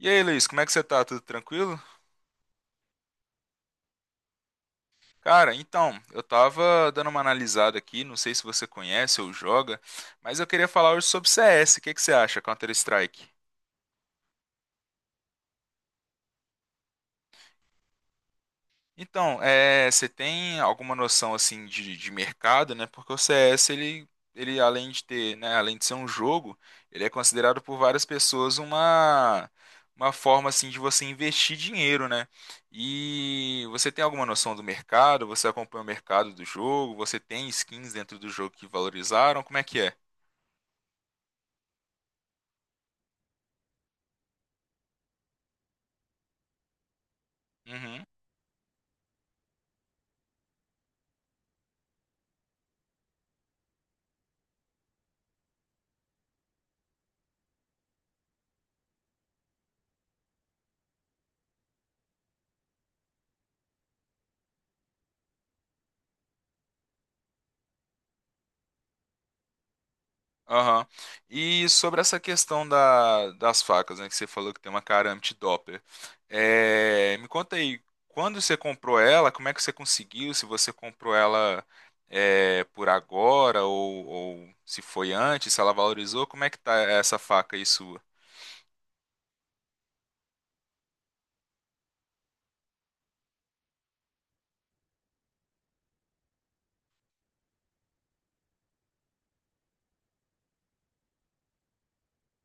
E aí, Luiz, como é que você tá? Tudo tranquilo? Cara, então, eu tava dando uma analisada aqui, não sei se você conhece ou joga, mas eu queria falar hoje sobre CS. O que que você acha, Counter-Strike? Então, você tem alguma noção assim de mercado, né? Porque o CS ele além de ter, né, além de ser um jogo, ele é considerado por várias pessoas uma forma assim de você investir dinheiro, né? E você tem alguma noção do mercado? Você acompanha o mercado do jogo? Você tem skins dentro do jogo que valorizaram? Como é que é? Uhum. Aham. E sobre essa questão das facas, né, que você falou que tem uma cara anti-dopper. Me conta aí, quando você comprou ela, como é que você conseguiu? Se você comprou ela por agora ou se foi antes, se ela valorizou, como é que tá essa faca aí sua?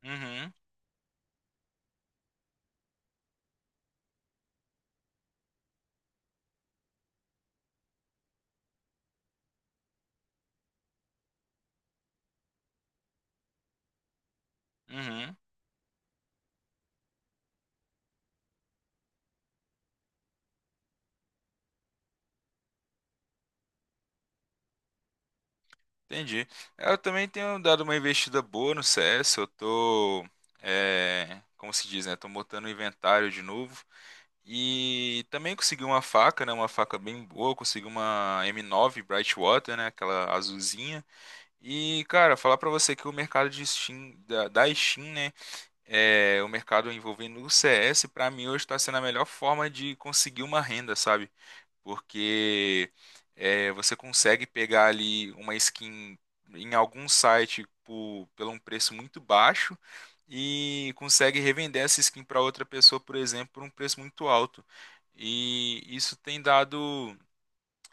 Uhum, uhum, entendi. Eu também tenho dado uma investida boa no CS, eu tô, como se diz, né? Tô montando o inventário de novo. E também consegui uma faca, né? Uma faca bem boa. Consegui uma M9 Brightwater, né? Aquela azulzinha. E, cara, falar pra você que o mercado de Steam, da Steam, né? O mercado envolvendo o CS, pra mim hoje tá sendo a melhor forma de conseguir uma renda, sabe? Porque você consegue pegar ali uma skin em algum site pelo um preço muito baixo e consegue revender essa skin para outra pessoa, por exemplo, por um preço muito alto. E isso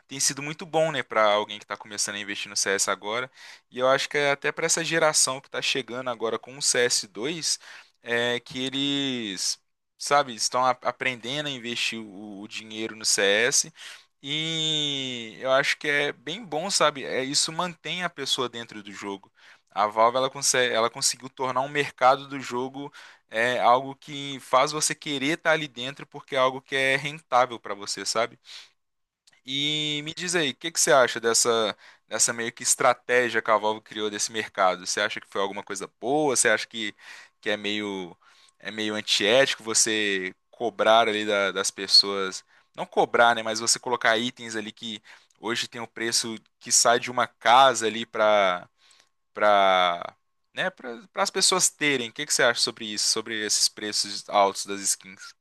tem sido muito bom, né, para alguém que está começando a investir no CS agora. E eu acho que é até para essa geração que está chegando agora com o CS2, é que eles, sabe, aprendendo a investir o dinheiro no CS. E eu acho que é bem bom, sabe? Isso mantém a pessoa dentro do jogo. A Valve ela conseguiu tornar um mercado do jogo é algo que faz você querer estar ali dentro porque é algo que é rentável para você, sabe? E me diz aí, o que que você acha dessa meio que estratégia que a Valve criou desse mercado? Você acha que foi alguma coisa boa? Você acha que, que é meio, é meio antiético você cobrar ali das pessoas? Não cobrar, né? Mas você colocar itens ali que hoje tem um preço que sai de uma casa ali para, né? Para as pessoas terem. O que que você acha sobre isso? Sobre esses preços altos das skins?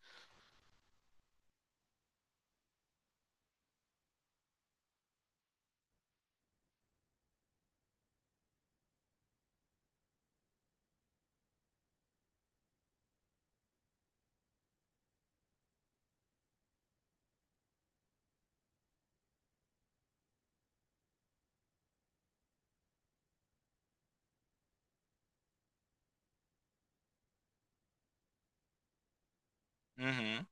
Uhum,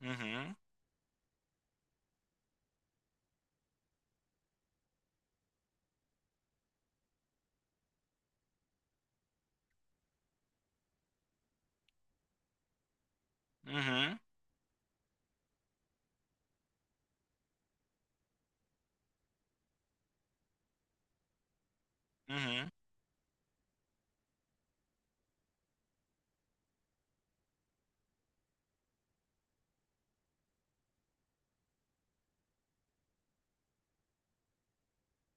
uhum, uhum, uhum.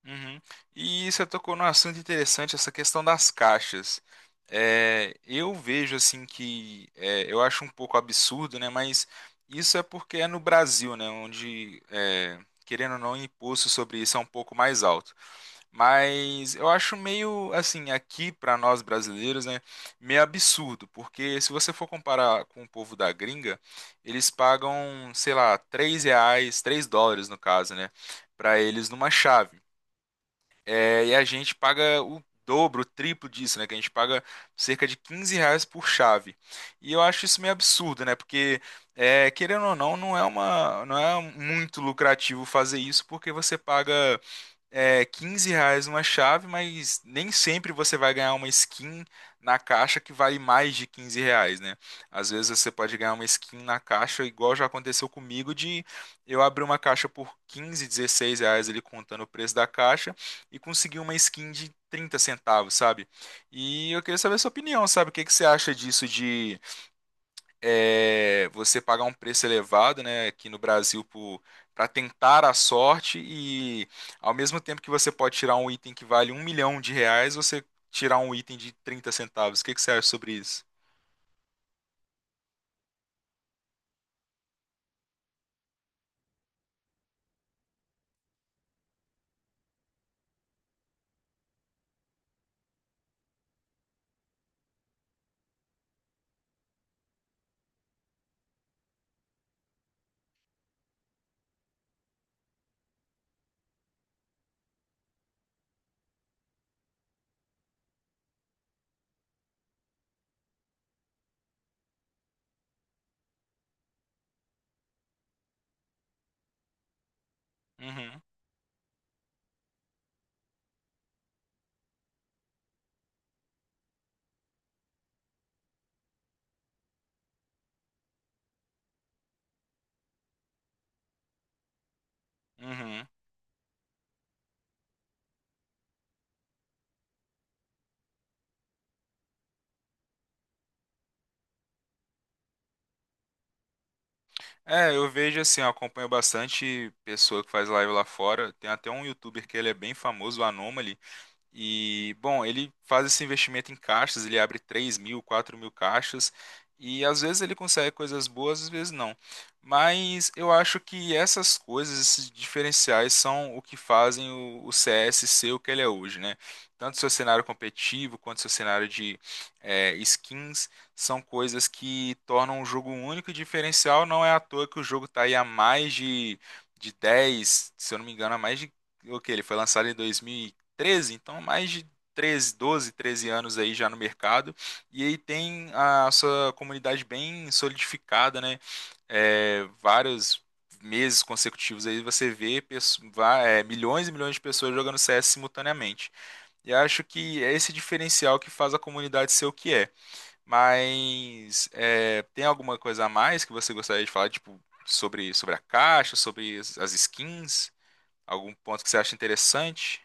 Uhum. E você tocou num assunto interessante, essa questão das caixas. Eu vejo assim eu acho um pouco absurdo, né? Mas isso é porque é no Brasil, né? Onde, querendo ou não, o imposto sobre isso é um pouco mais alto. Mas eu acho meio assim, aqui para nós brasileiros, né? Meio absurdo, porque se você for comparar com o povo da gringa, eles pagam, sei lá, R$ 3, US$ 3 no caso, né? Para eles numa chave. E a gente paga o dobro, o triplo disso, né? Que a gente paga cerca de R$ 15 por chave. E eu acho isso meio absurdo, né? Porque, querendo ou não, não é uma, não é muito lucrativo fazer isso, porque você paga R$ 15 uma chave, mas nem sempre você vai ganhar uma skin na caixa que vale mais de R$ 15, né? Às vezes você pode ganhar uma skin na caixa, igual já aconteceu comigo, de eu abrir uma caixa por 15 16 reais ali contando o preço da caixa e conseguir uma skin de R$ 0,30, sabe? E eu queria saber a sua opinião, sabe? O que que você acha disso de você pagar um preço elevado, né, aqui no Brasil para tentar a sorte e ao mesmo tempo que você pode tirar um item que vale um milhão de reais, você tirar um item de R$ 0,30. O que que você acha sobre isso? Uhum, uhum. Eu vejo assim, eu acompanho bastante pessoa que faz live lá fora. Tem até um youtuber que ele é bem famoso, o Anomaly. E, bom, ele faz esse investimento em caixas, ele abre 3 mil, 4 mil caixas, e às vezes ele consegue coisas boas, às vezes não. Mas eu acho que essas coisas, esses diferenciais, são o que fazem o CS ser o que ele é hoje, né? Tanto seu cenário competitivo quanto seu cenário de skins são coisas que tornam o jogo único e diferencial. Não é à toa que o jogo está aí há mais de 10 se eu não me engano, há mais de. O que? Ele foi lançado em 2000 13, então mais de 13, 12, 13 anos aí já no mercado, e aí tem a sua comunidade bem solidificada, né? Vários meses consecutivos aí você vê milhões e milhões de pessoas jogando CS simultaneamente. E acho que é esse diferencial que faz a comunidade ser o que é. Mas tem alguma coisa a mais que você gostaria de falar, tipo, sobre a caixa, sobre as skins? Algum ponto que você acha interessante?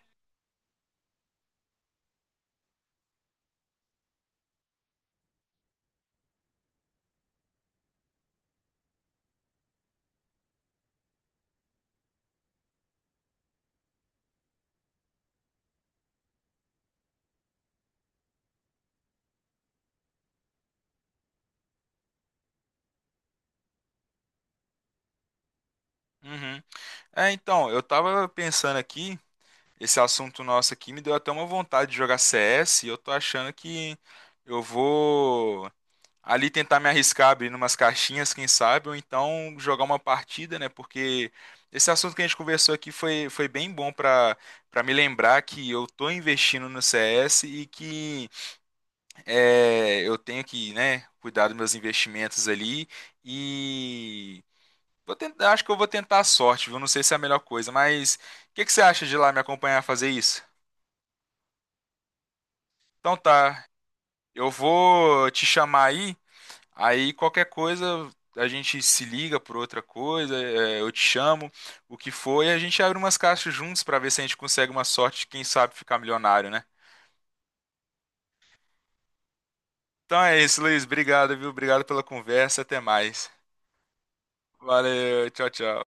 Uhum. Então, eu tava pensando aqui, esse assunto nosso aqui me deu até uma vontade de jogar CS, e eu tô achando que eu vou ali tentar me arriscar, abrir umas caixinhas, quem sabe, ou então jogar uma partida, né? Porque esse assunto que a gente conversou aqui foi bem bom pra para me lembrar que eu tô investindo no CS e que eu tenho que, né, cuidar dos meus investimentos ali. E vou tentar, acho que eu vou tentar a sorte, viu? Não sei se é a melhor coisa, mas o que que você acha de ir lá me acompanhar a fazer isso? Então tá, eu vou te chamar aí, aí qualquer coisa a gente se liga por outra coisa, eu te chamo, o que for, e a gente abre umas caixas juntos pra ver se a gente consegue uma sorte, de, quem sabe ficar milionário, né? Então é isso, Luiz, obrigado, viu? Obrigado pela conversa, até mais. Valeu, tchau, tchau.